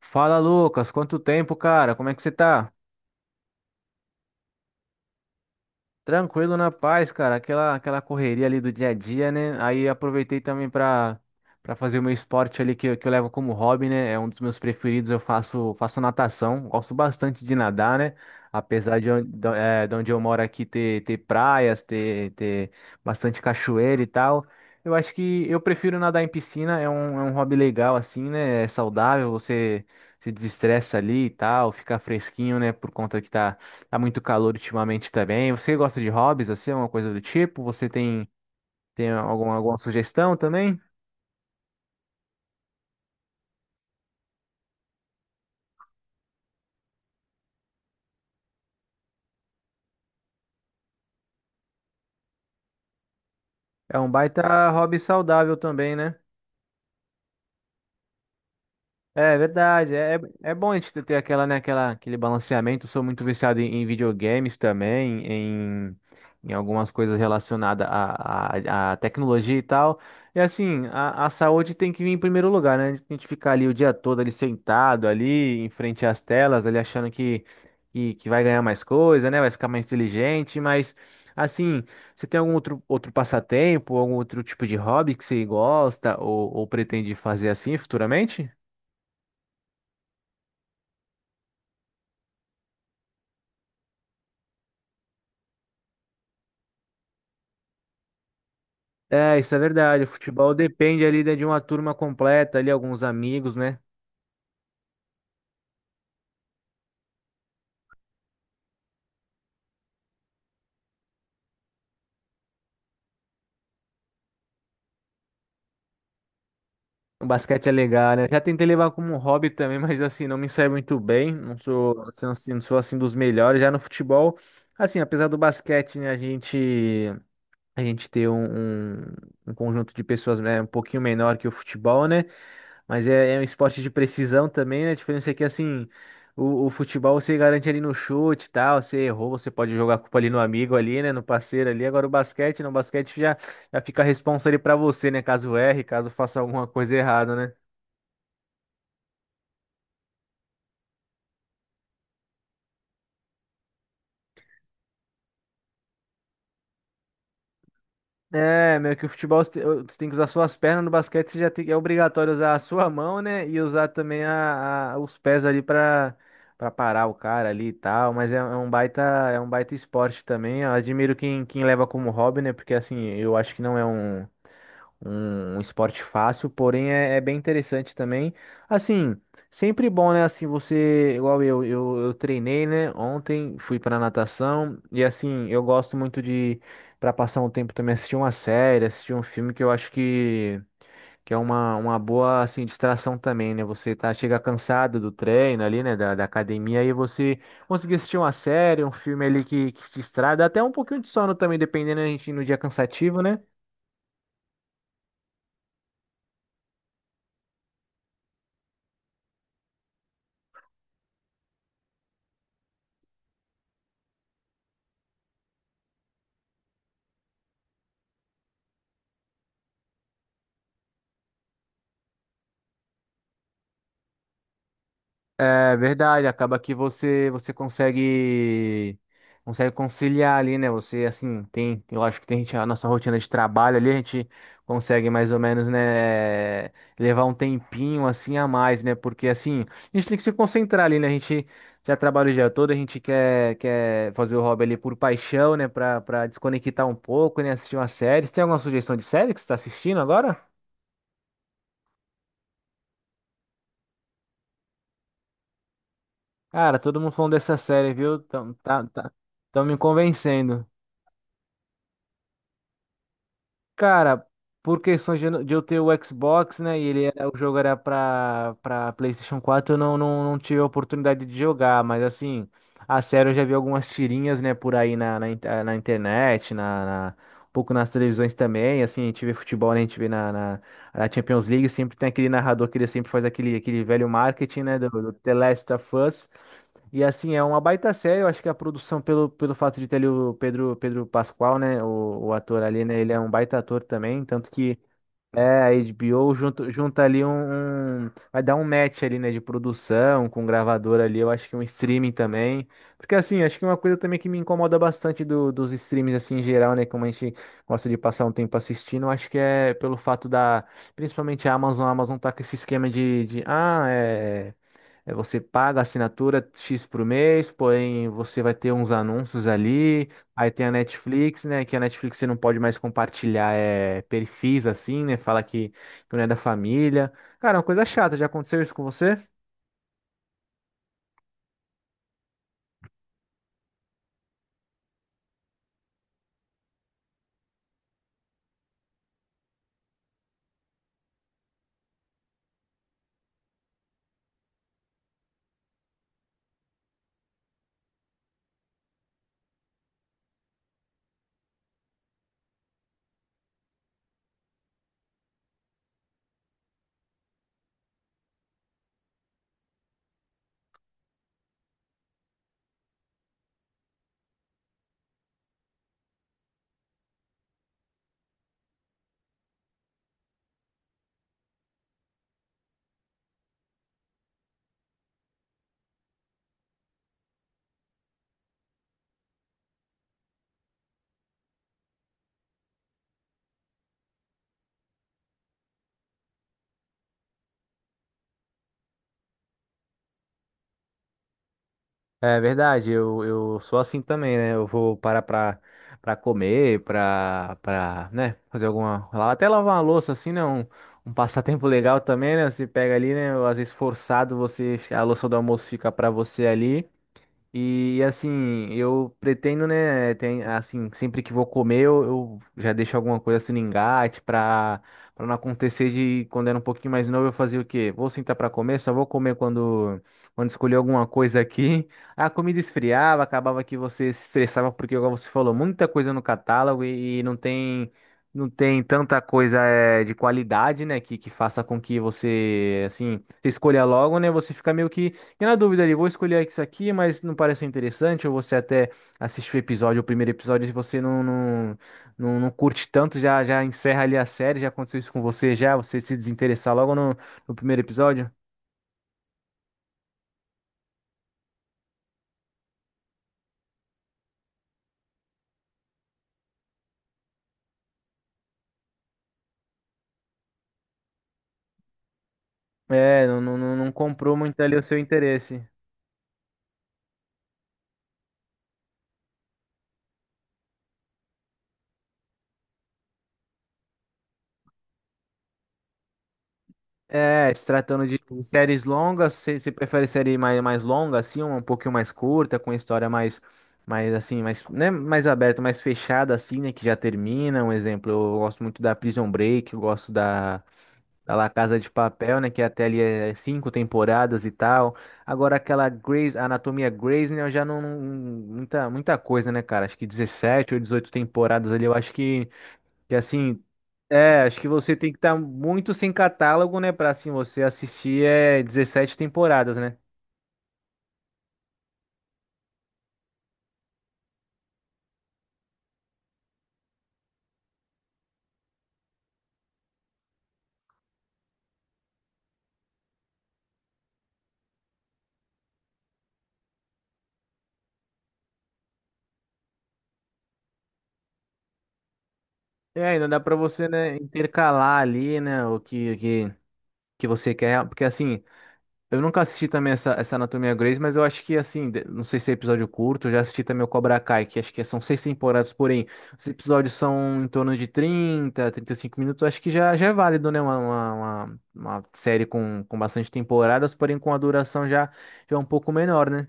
Fala, Lucas, quanto tempo, cara? Como é que você tá? Tranquilo na paz, cara. Aquela correria ali do dia a dia, né? Aí aproveitei também pra para fazer o meu esporte ali que eu levo como hobby, né? É um dos meus preferidos. Eu faço natação. Gosto bastante de nadar, né? Apesar de onde eu moro aqui ter praias, ter bastante cachoeira e tal. Eu acho que eu prefiro nadar em piscina. É um hobby legal, assim, né? É saudável. Você se desestressa ali e tal, fica fresquinho, né? Por conta que tá. Tá muito calor ultimamente também. Você gosta de hobbies, assim, alguma coisa do tipo? Você tem alguma sugestão também? É um baita hobby saudável também, né? É verdade, é, é bom a gente ter aquele balanceamento. Eu sou muito viciado em videogames também, em algumas coisas relacionadas à tecnologia e tal. E assim, a saúde tem que vir em primeiro lugar, né? A gente ficar ali o dia todo ali sentado ali em frente às telas, ali achando que vai ganhar mais coisa, né? Vai ficar mais inteligente, mas assim, você tem algum outro passatempo, algum outro tipo de hobby que você gosta ou pretende fazer assim futuramente? É, isso é verdade. O futebol depende ali de uma turma completa, ali, alguns amigos, né? O basquete é legal, né? Já tentei levar como um hobby também, mas assim, não me sai muito bem. Não sou assim dos melhores. Já no futebol, assim, apesar do basquete, né, a gente ter um conjunto de pessoas, né, um pouquinho menor que o futebol, né? Mas é, é um esporte de precisão também, né? A diferença é que, assim, o futebol você garante ali no chute e tal. Você errou, você pode jogar a culpa ali no amigo ali, né? No parceiro ali. Agora o basquete, não, o basquete já fica a responsa ali pra você, né? Caso erre, caso faça alguma coisa errada, né? É, meio que o futebol você tem que usar suas pernas, no basquete você já tem, é obrigatório usar a sua mão, né? E usar também os pés ali pra para parar o cara ali e tal. Mas é, é um baita esporte também. Eu admiro quem leva como hobby, né? Porque assim, eu acho que não é um esporte fácil, porém é, é bem interessante também. Assim, sempre bom, né? Assim, você, igual eu treinei, né? Ontem fui pra natação e assim, eu gosto muito pra passar um tempo também, assistir uma série, assistir um filme que eu acho que. Que é uma boa, assim, distração também, né? Chega cansado do treino ali, né? Da academia, e você conseguir assistir uma série, um filme ali que te distrai, dá até um pouquinho de sono também, dependendo, a gente no dia cansativo, né? É verdade, acaba que você consegue conciliar ali, né? Você assim, tem, eu acho que tem gente, a nossa rotina de trabalho ali, a gente consegue mais ou menos, né, levar um tempinho assim a mais, né? Porque assim, a gente tem que se concentrar ali, né? A gente já trabalha o dia todo, a gente quer fazer o hobby ali por paixão, né, Pra para desconectar um pouco, né, assistir uma série. Você tem alguma sugestão de série que você tá assistindo agora? Cara, todo mundo falando dessa série, viu? Tá, tá, tão me convencendo. Cara, por questões de eu ter o Xbox, né, o jogo era pra PlayStation 4 eu não tive a oportunidade de jogar, mas assim, a sério eu já vi algumas tirinhas, né, por aí na internet, um pouco nas televisões também, assim, a gente vê futebol, né, a gente vê na Champions League, sempre tem aquele narrador que ele sempre faz aquele velho marketing, né, do The Last of Us, e assim, é uma baita série, eu acho que a produção, pelo fato de ter ali o Pedro Pascoal, né, o ator ali, né, ele é um baita ator também, tanto que é, a HBO junta ali vai dar um match ali, né, de produção, com gravador ali, eu acho que um streaming também, porque assim, acho que é uma coisa também que me incomoda bastante dos streams, assim, em geral, né, como a gente gosta de passar um tempo assistindo, eu acho que é pelo principalmente a Amazon tá com esse esquema de. É, você paga a assinatura X por mês, porém você vai ter uns anúncios ali. Aí tem a Netflix, né? Que a Netflix você não pode mais compartilhar perfis assim, né? Fala que não é da família. Cara, é uma coisa chata. Já aconteceu isso com você? É verdade, eu sou assim também, né? Eu vou parar pra comer, né? Até lavar uma louça, assim, né? Um passatempo legal também, né? Você pega ali, né? Às vezes forçado, você, a louça do almoço fica pra você ali. E assim, eu pretendo, né, tem, assim, sempre que vou comer, eu já deixo alguma coisa assim no engate pra, pra não acontecer de quando era um pouquinho mais novo eu fazia o quê? Vou sentar pra comer, só vou comer quando escolher alguma coisa aqui. A comida esfriava, acabava que você se estressava porque, igual você falou, muita coisa no catálogo e não tem tanta coisa de qualidade, né, que faça com que você, assim, você escolha logo, né, você fica meio que, fiquei na dúvida ali, vou escolher isso aqui, mas não parece interessante, ou você até assiste o episódio, o primeiro episódio, e você não curte tanto, já encerra ali a série, já aconteceu isso com você, já, você se desinteressar logo no primeiro episódio? É, não comprou muito ali o seu interesse. É, se tratando de séries longas, você prefere série mais longa, assim, um pouquinho mais curta, com história mais assim, mais, né, mais aberta, mais fechada, assim, né, que já termina. Um exemplo, eu gosto muito da Prison Break, eu gosto da La Casa de Papel, né? Que até ali é cinco temporadas e tal. Agora aquela Grey's, a Anatomia Grey's, né? Eu já não. Muita, muita coisa, né, cara? Acho que 17 ou 18 temporadas ali. Eu acho que assim. É, acho que você tem que estar muito sem catálogo, né? Pra assim você assistir é 17 temporadas, né? É, ainda dá pra você, né, intercalar ali, né, o que você quer, porque assim, eu nunca assisti também essa Anatomia Grey's, mas eu acho que, assim, não sei se é episódio curto, eu já assisti também o Cobra Kai, que acho que são seis temporadas, porém, os episódios são em torno de 30, 35 minutos, eu acho que já é válido, né? Uma série com bastante temporadas, porém com a duração já é um pouco menor, né?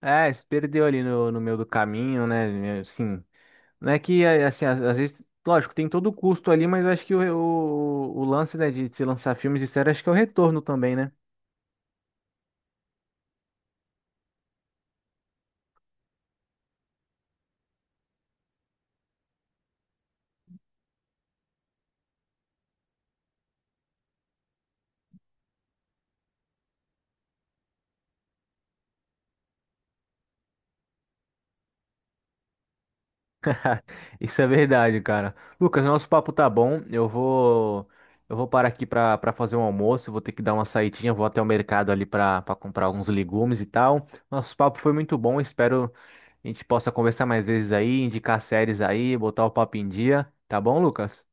É, se perdeu ali no meio do caminho, né? Assim, não é que, é, assim, às vezes, lógico, tem todo o custo ali, mas eu acho que o lance, né, de se lançar filmes e séries, acho que é o retorno também, né? Isso é verdade, cara. Lucas, nosso papo tá bom. Eu vou parar aqui pra para fazer um almoço, vou ter que dar uma saidinha, vou até o mercado ali pra para comprar alguns legumes e tal. Nosso papo foi muito bom, espero a gente possa conversar mais vezes aí, indicar séries aí, botar o papo em dia, tá bom, Lucas?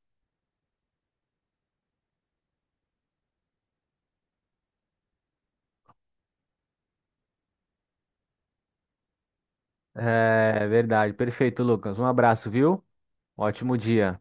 É verdade, perfeito, Lucas. Um abraço, viu? Ótimo dia.